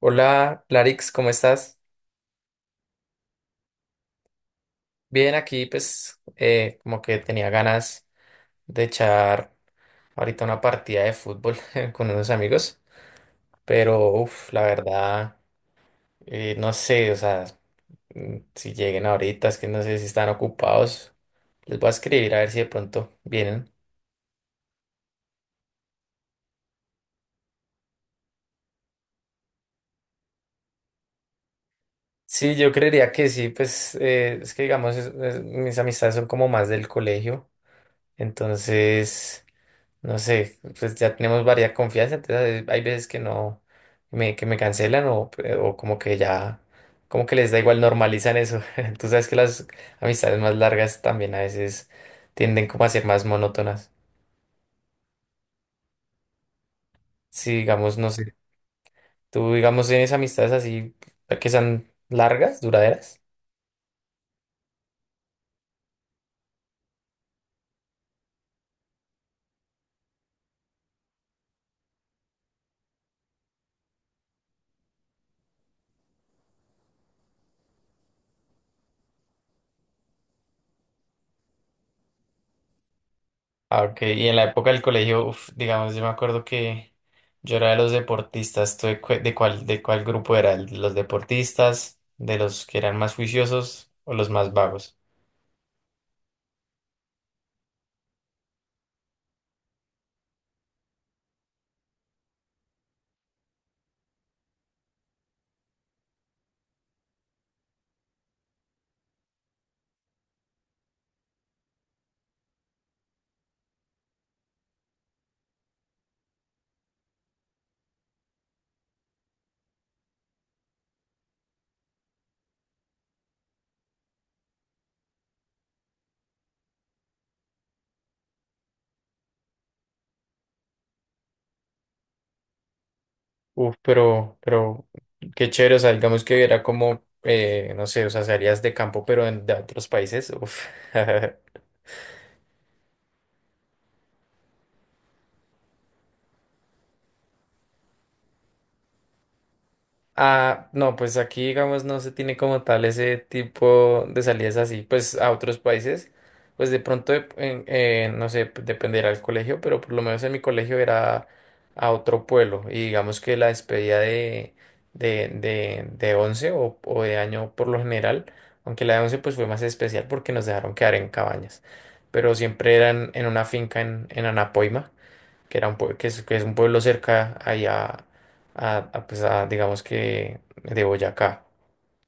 Hola, Larix, ¿cómo estás? Bien, aquí pues como que tenía ganas de echar ahorita una partida de fútbol con unos amigos, pero uff, la verdad, no sé, o sea, si lleguen ahorita, es que no sé si están ocupados, les voy a escribir a ver si de pronto vienen. Sí, yo creería que sí, pues es que digamos, mis amistades son como más del colegio, entonces. No sé, pues ya tenemos varias confianza, entonces hay veces que no, que me cancelan o como que ya, como que les da igual, normalizan eso. Tú sabes que las amistades más largas también a veces tienden como a ser más monótonas. Si digamos, no sé, tú digamos tienes amistades así que sean largas, duraderas. Ah, ok. Y en la época del colegio, uf, digamos, yo me acuerdo que yo era de los deportistas. ¿Tú de cuál grupo era? ¿El ¿De los deportistas? ¿De los que eran más juiciosos o los más vagos? Uf, pero qué chévere. O sea, digamos que era como, no sé, o sea, salías de campo, de otros países. Uf. Ah, no, pues aquí, digamos, no se tiene como tal ese tipo de salidas así, pues a otros países, pues de pronto, no sé, pues, dependerá del colegio, pero por lo menos en mi colegio era a otro pueblo y digamos que la despedida de, de 11 o de año por lo general, aunque la de 11 pues fue más especial porque nos dejaron quedar en cabañas, pero siempre eran en una finca en Anapoima que es un pueblo cerca ahí a, pues a, digamos que de Boyacá,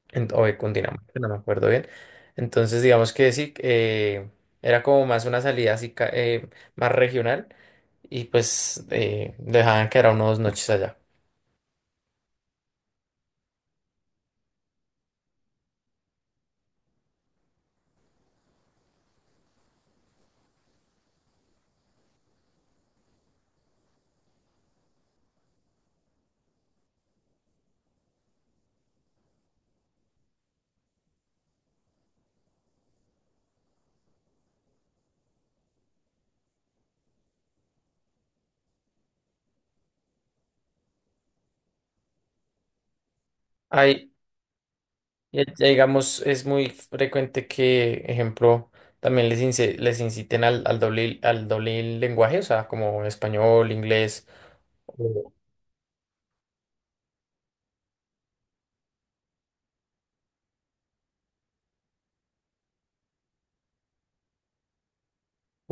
o de Cundinamarca, no me acuerdo bien. Entonces, digamos que sí, era como más una salida así, más regional, y pues dejaban quedar unos 2 noches allá. Ahí, ya digamos, es muy frecuente que, ejemplo, también les inciten al doble lenguaje, o sea, como español, inglés.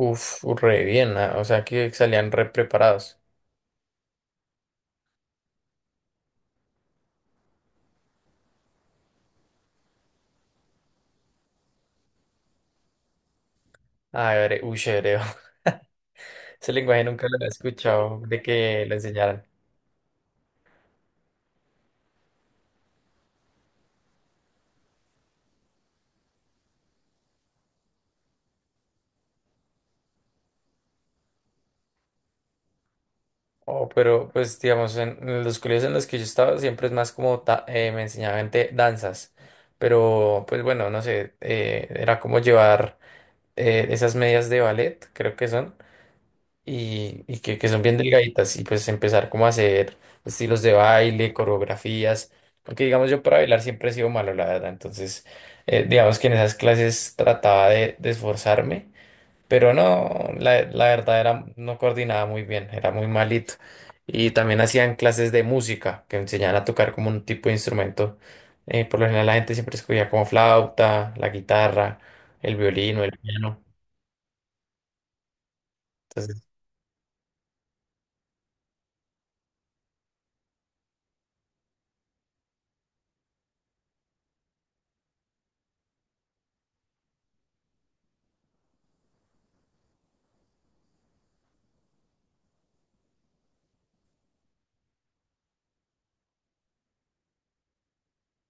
Uf, re bien, ah, o sea que salían re preparados. Ah, uy, hebreo. Ese lenguaje nunca lo había escuchado de que lo enseñaran. Oh, pero pues digamos, en los colegios en los que yo estaba siempre es más como me enseñaban danzas. Pero pues bueno, no sé, era como llevar esas medias de ballet, creo que son. Y que son bien delgaditas y pues empezar como a hacer estilos de baile, coreografías, porque digamos yo para bailar siempre he sido malo, la verdad, entonces digamos que en esas clases trataba de esforzarme, pero no, la verdad era, no coordinaba muy bien, era muy malito. Y también hacían clases de música que enseñaban a tocar como un tipo de instrumento. Por lo general la gente siempre escogía como flauta, la guitarra, el violín o el piano. Entonces,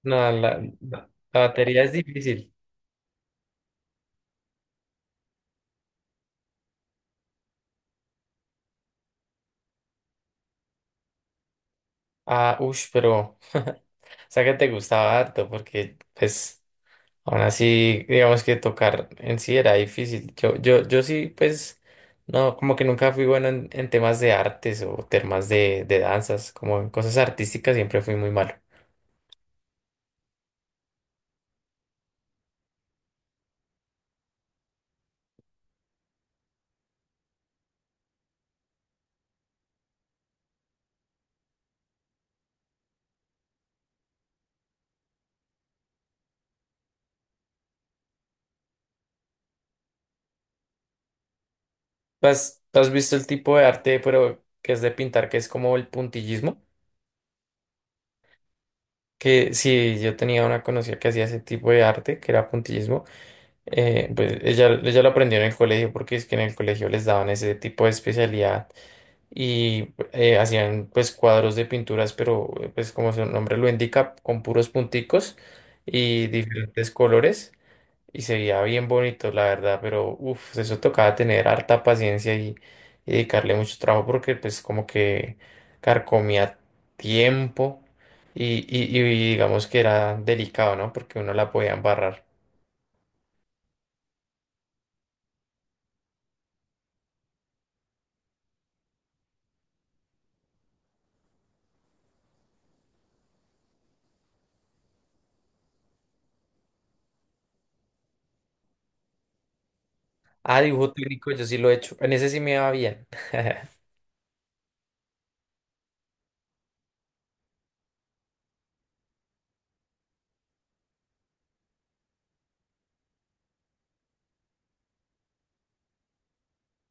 no, la batería es difícil. Ah, uff, pero, o sea que te gustaba harto, porque, pues, aún así, digamos que tocar en sí era difícil. Yo sí, pues, no, como que nunca fui bueno en, temas de artes o temas de danzas, como en cosas artísticas siempre fui muy malo. ¿Tú has visto el tipo de arte, pero que es de pintar, que es como el puntillismo? Que sí, yo tenía una conocida que hacía ese tipo de arte, que era puntillismo. Pues ella lo aprendió en el colegio porque es que en el colegio les daban ese tipo de especialidad y hacían pues cuadros de pinturas, pero pues como su nombre lo indica, con puros punticos y diferentes colores y se veía bien bonito, la verdad, pero uff, eso tocaba tener harta paciencia y dedicarle mucho trabajo porque pues como que carcomía tiempo y digamos que era delicado, ¿no? Porque uno la podía embarrar. Ah, dibujo técnico, yo sí lo he hecho. En ese sí me va bien.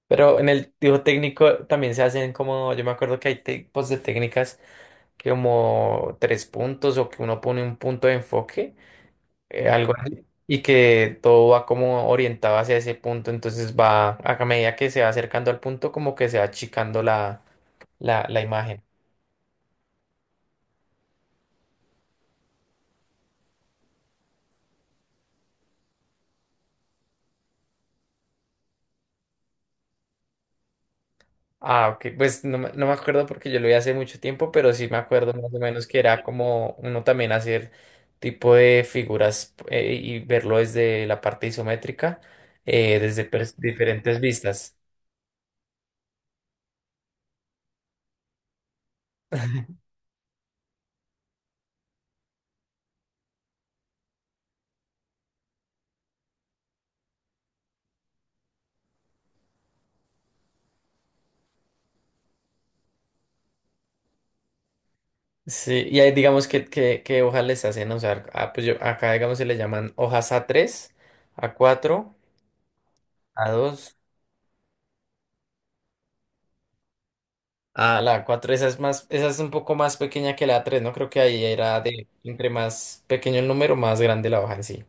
Pero en el dibujo técnico también se hacen como, yo me acuerdo que hay tipos de técnicas que como tres puntos o que uno pone un punto de enfoque, algo así, y que todo va como orientado hacia ese punto, entonces va a medida que se va acercando al punto como que se va achicando la, la imagen. Ah, ok. Pues no, me no me acuerdo porque yo lo vi hace mucho tiempo, pero sí me acuerdo más o menos que era como uno también hacer tipo de figuras y verlo desde la parte isométrica, desde diferentes vistas. Sí, y ahí digamos que hojas les hacen usar. Ah, pues yo, acá digamos se le llaman hojas A3, A4, A2, ah, la A4, esa es un poco más pequeña que la A3, ¿no? Creo que ahí era de entre más pequeño el número, más grande la hoja en sí.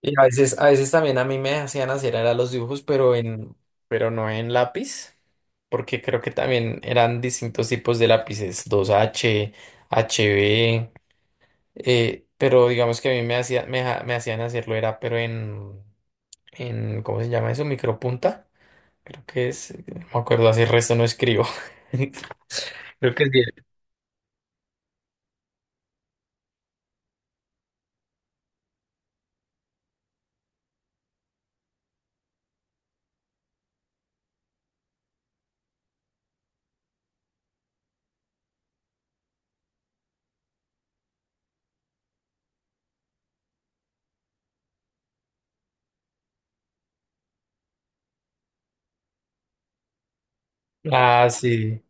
Y a veces también a mí me hacían hacer era los dibujos, pero no en lápiz, porque creo que también eran distintos tipos de lápices, dos h HB, pero digamos que a mí me hacía, me hacían hacerlo era, pero en, ¿cómo se llama eso? Micropunta, creo que es, no me acuerdo, así el resto no escribo. Creo que sí. Ah, sí.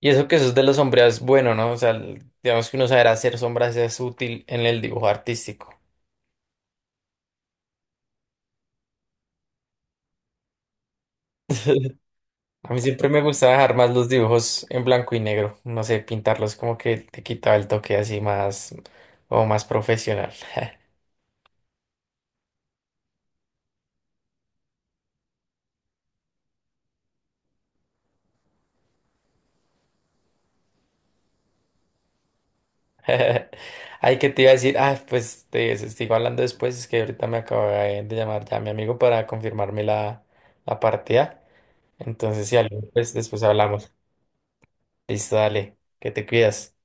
Y eso que eso es de los sombreados, bueno, ¿no? O sea, digamos que uno saber hacer sombras es útil en el dibujo artístico. A mí siempre me gustaba dejar más los dibujos en blanco y negro. No sé, pintarlos como que te quitaba el toque así más profesional. Ay, que te iba a decir, ah, pues sigo hablando después, es que ahorita me acaba de llamar ya mi amigo para confirmarme la, partida. Entonces, si algo, pues después hablamos. Listo, dale, que te cuidas.